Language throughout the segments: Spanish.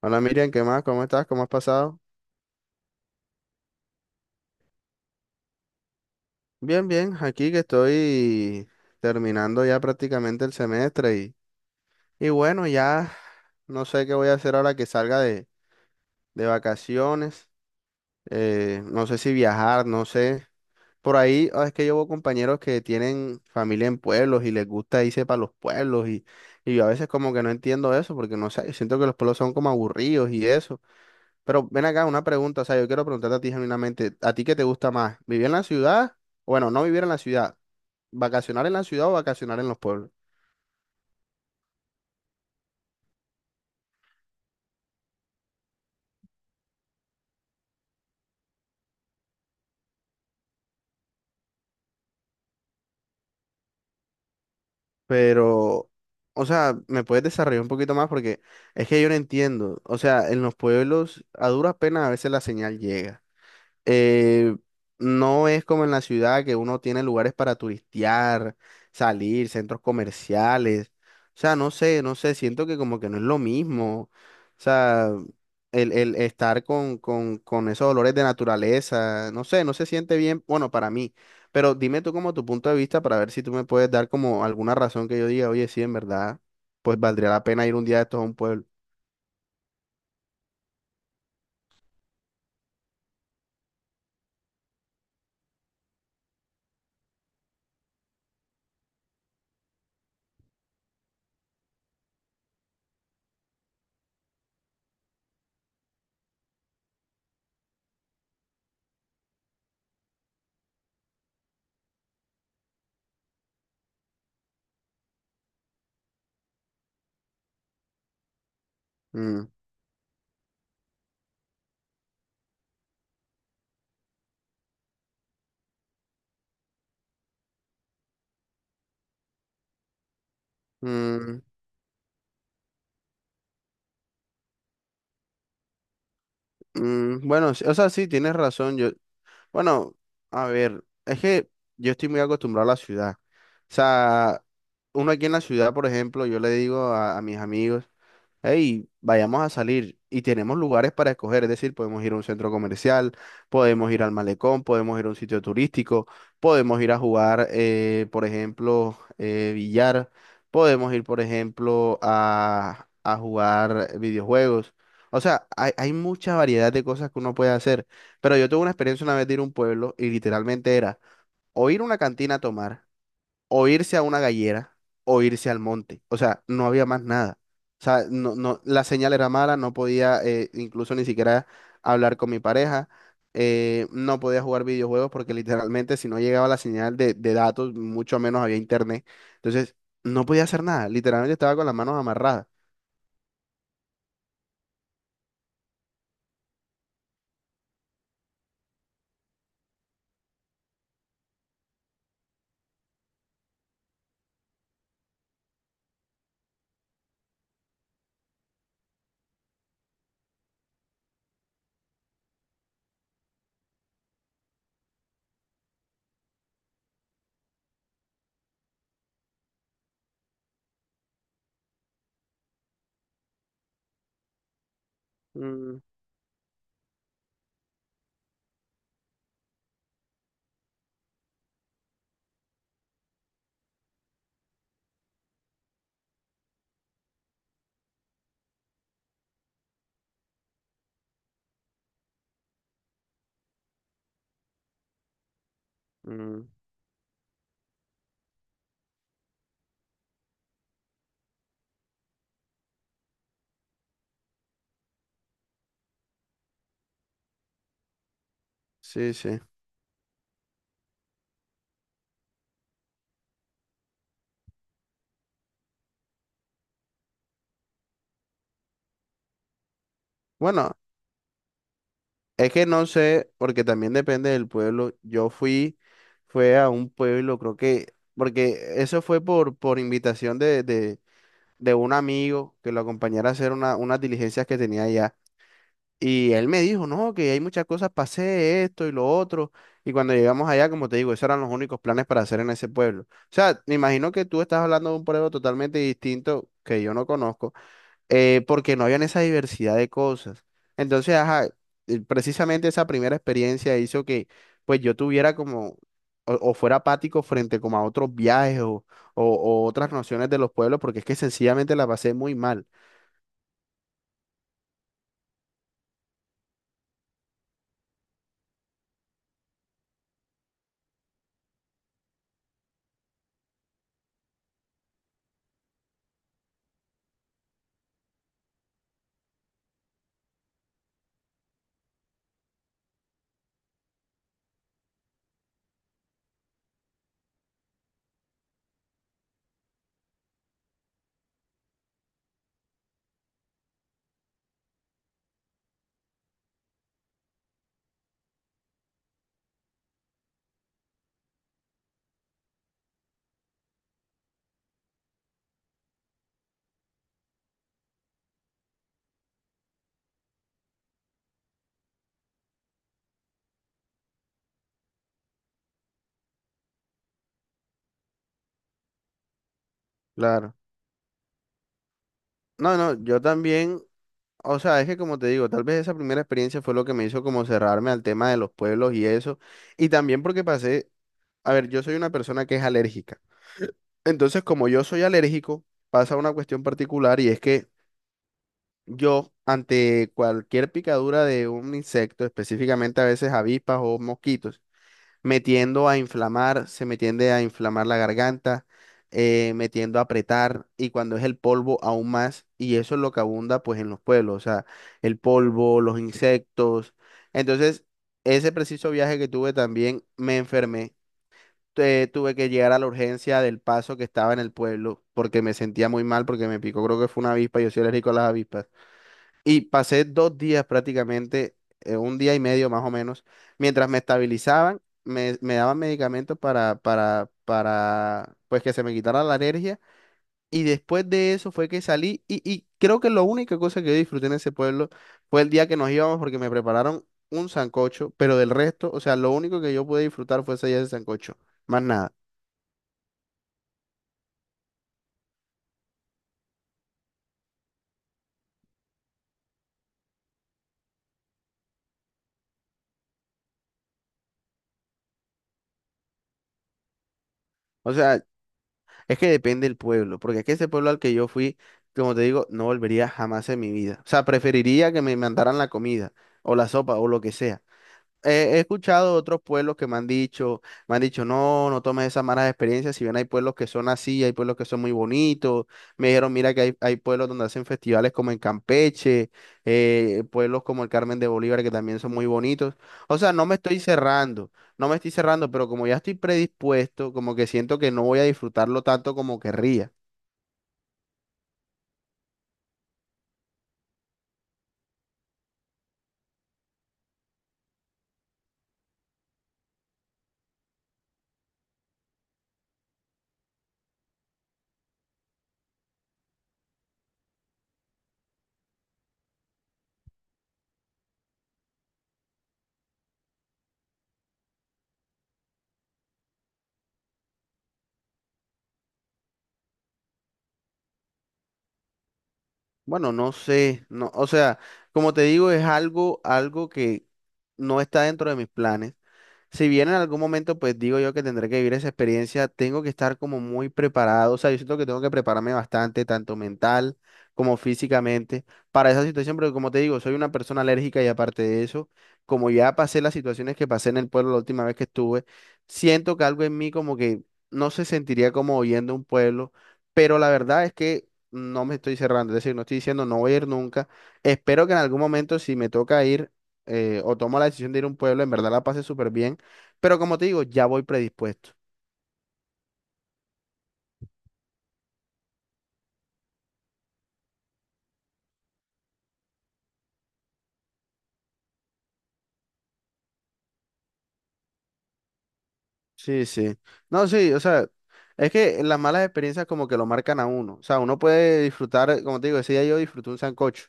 Hola, Miriam, ¿qué más? ¿Cómo estás? ¿Cómo has pasado? Bien, bien, aquí que estoy terminando ya prácticamente el semestre y bueno, ya no sé qué voy a hacer ahora que salga de vacaciones. No sé si viajar, no sé. Por ahí ah, es que llevo compañeros que tienen familia en pueblos y les gusta irse para los pueblos y yo a veces como que no entiendo eso porque no sé, yo siento que los pueblos son como aburridos y eso. Pero ven acá una pregunta, o sea, yo quiero preguntarte a ti genuinamente, ¿a ti qué te gusta más? ¿Vivir en la ciudad? Bueno, no vivir en la ciudad, vacacionar en la ciudad o vacacionar en los pueblos. Pero, o sea, ¿me puedes desarrollar un poquito más? Porque es que yo no entiendo. O sea, en los pueblos a duras penas a veces la señal llega. eh, no es como en la ciudad que uno tiene lugares para turistear, salir, centros comerciales. O sea, no sé, no sé, siento que como que no es lo mismo. O sea, el estar con esos olores de naturaleza, no sé, no se siente bien, bueno, para mí. Pero dime tú como tu punto de vista para ver si tú me puedes dar como alguna razón que yo diga, oye, sí, en verdad, pues valdría la pena ir un día de estos a un pueblo. Mm, mm, bueno, sí, o sea, sí, tienes razón. Bueno, a ver, es que yo estoy muy acostumbrado a la ciudad. O sea, uno aquí en la ciudad, por ejemplo, yo le digo a mis amigos, hey, vayamos a salir y tenemos lugares para escoger, es decir, podemos ir a un centro comercial, podemos ir al malecón, podemos ir a un sitio turístico, podemos ir a jugar, por ejemplo, billar, podemos ir, por ejemplo, a jugar videojuegos. O sea, hay mucha variedad de cosas que uno puede hacer, pero yo tuve una experiencia una vez de ir a un pueblo y literalmente era o ir a una cantina a tomar o irse a una gallera o irse al monte. O sea, no había más nada. O sea, no, no, la señal era mala, no podía, incluso ni siquiera hablar con mi pareja. No podía jugar videojuegos porque literalmente si no llegaba la señal de datos, mucho menos había internet. Entonces, no podía hacer nada, literalmente estaba con las manos amarradas. Mm, mm, sí, sí. Bueno. Es que no sé, porque también depende del pueblo. Fue a un pueblo, creo que, porque eso fue por invitación de un amigo que lo acompañara a hacer unas diligencias que tenía allá. Y él me dijo, no, que hay muchas cosas para hacer, esto y lo otro. Y cuando llegamos allá, como te digo, esos eran los únicos planes para hacer en ese pueblo. O sea, me imagino que tú estás hablando de un pueblo totalmente distinto que yo no conozco, porque no habían esa diversidad de cosas. Entonces, ajá, precisamente esa primera experiencia hizo que pues yo tuviera como, o fuera apático frente como a otros o otras nociones de los pueblos, porque es que sencillamente la pasé muy mal, claro. No, no, yo también, o sea, es que como te digo, tal vez esa primera experiencia fue lo que me hizo como cerrarme al tema de los pueblos y eso, y también porque pasé, a ver, yo soy una persona que es alérgica. Entonces, como yo soy alérgico, pasa una cuestión particular y es que yo, ante cualquier picadura de un insecto, específicamente a veces avispas o mosquitos, me tiendo a inflamar, se me tiende a inflamar la garganta, me tiendo a apretar y cuando es el polvo aún más, y eso es lo que abunda pues en los pueblos, o sea, el polvo, los insectos. Entonces, ese preciso viaje que tuve también me enfermé. Tuve que llegar a la urgencia del paso que estaba en el pueblo porque me sentía muy mal porque me picó, creo que fue una avispa, yo soy alérgico a las avispas. Y pasé dos días prácticamente, un día y medio más o menos, mientras me estabilizaban, me daban medicamentos pues que se me quitara la alergia. Y después de eso fue que y creo que la única cosa que yo disfruté en ese pueblo fue el día que nos íbamos porque me prepararon un sancocho, pero del resto, o sea, lo único que yo pude disfrutar fue ese día de sancocho, más nada. O sea, es que depende del pueblo, porque es que ese pueblo al que yo fui, como te digo, no volvería jamás en mi vida. O sea, preferiría que me mandaran la comida o la sopa o lo que sea. He escuchado otros pueblos que me han dicho, no, no tomes esas malas experiencias, si bien hay pueblos que son así, hay pueblos que son muy bonitos, me dijeron, mira que hay pueblos donde hacen festivales como en Campeche, pueblos como el Carmen de Bolívar que también son muy bonitos, o sea, no me estoy cerrando, no me estoy cerrando, pero como ya estoy predispuesto, como que siento que no voy a disfrutarlo tanto como querría. Bueno, no sé, no, o sea, como te digo, es algo que no está dentro de mis planes. Si bien en algún momento, pues digo yo que tendré que vivir esa experiencia, tengo que estar como muy preparado, o sea, yo siento que tengo que prepararme bastante, tanto mental como físicamente, para esa situación, porque como te digo, soy una persona alérgica y aparte de eso, como ya pasé las situaciones que pasé en el pueblo la última vez que estuve, siento que algo en mí como que no se sentiría como oyendo un pueblo, pero la verdad es que no me estoy cerrando, es decir, no estoy diciendo no voy a ir nunca, espero que en algún momento si me toca ir, o tomo la decisión de ir a un pueblo, en verdad la pase súper bien, pero como te digo, ya voy predispuesto. Sí, sí. No, sí, o sea, es que las malas experiencias como que lo marcan a uno. O sea, uno puede disfrutar, como te digo, ese día yo disfruté un sancocho.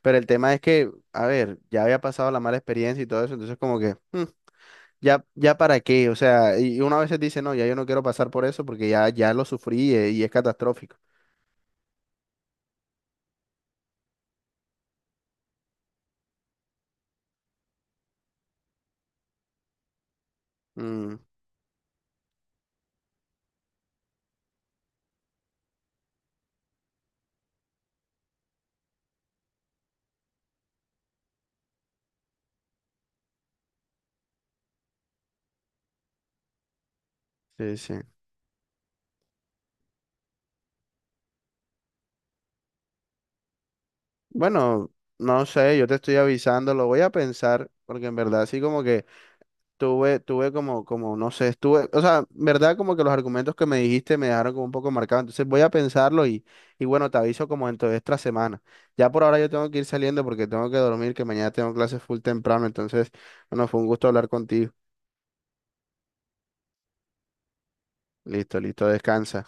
Pero el tema es que, a ver, ya había pasado la mala experiencia y todo eso, entonces como que, "Mm, ya, ya para qué". O sea, y uno a veces dice, no, ya yo no quiero pasar por eso porque ya, ya lo sufrí, y es catastrófico. Mm, sí, sí. Bueno, no sé, yo te estoy avisando, lo voy a pensar, porque en verdad sí como que no sé, estuve, o sea, verdad como que los argumentos que me dijiste me dejaron como un poco marcado, entonces voy a pensarlo, y bueno, te aviso como dentro de esta semana. Ya por ahora yo tengo que ir saliendo porque tengo que dormir, que mañana tengo clases full temprano, entonces, bueno, fue un gusto hablar contigo. Listo, listo, descansa.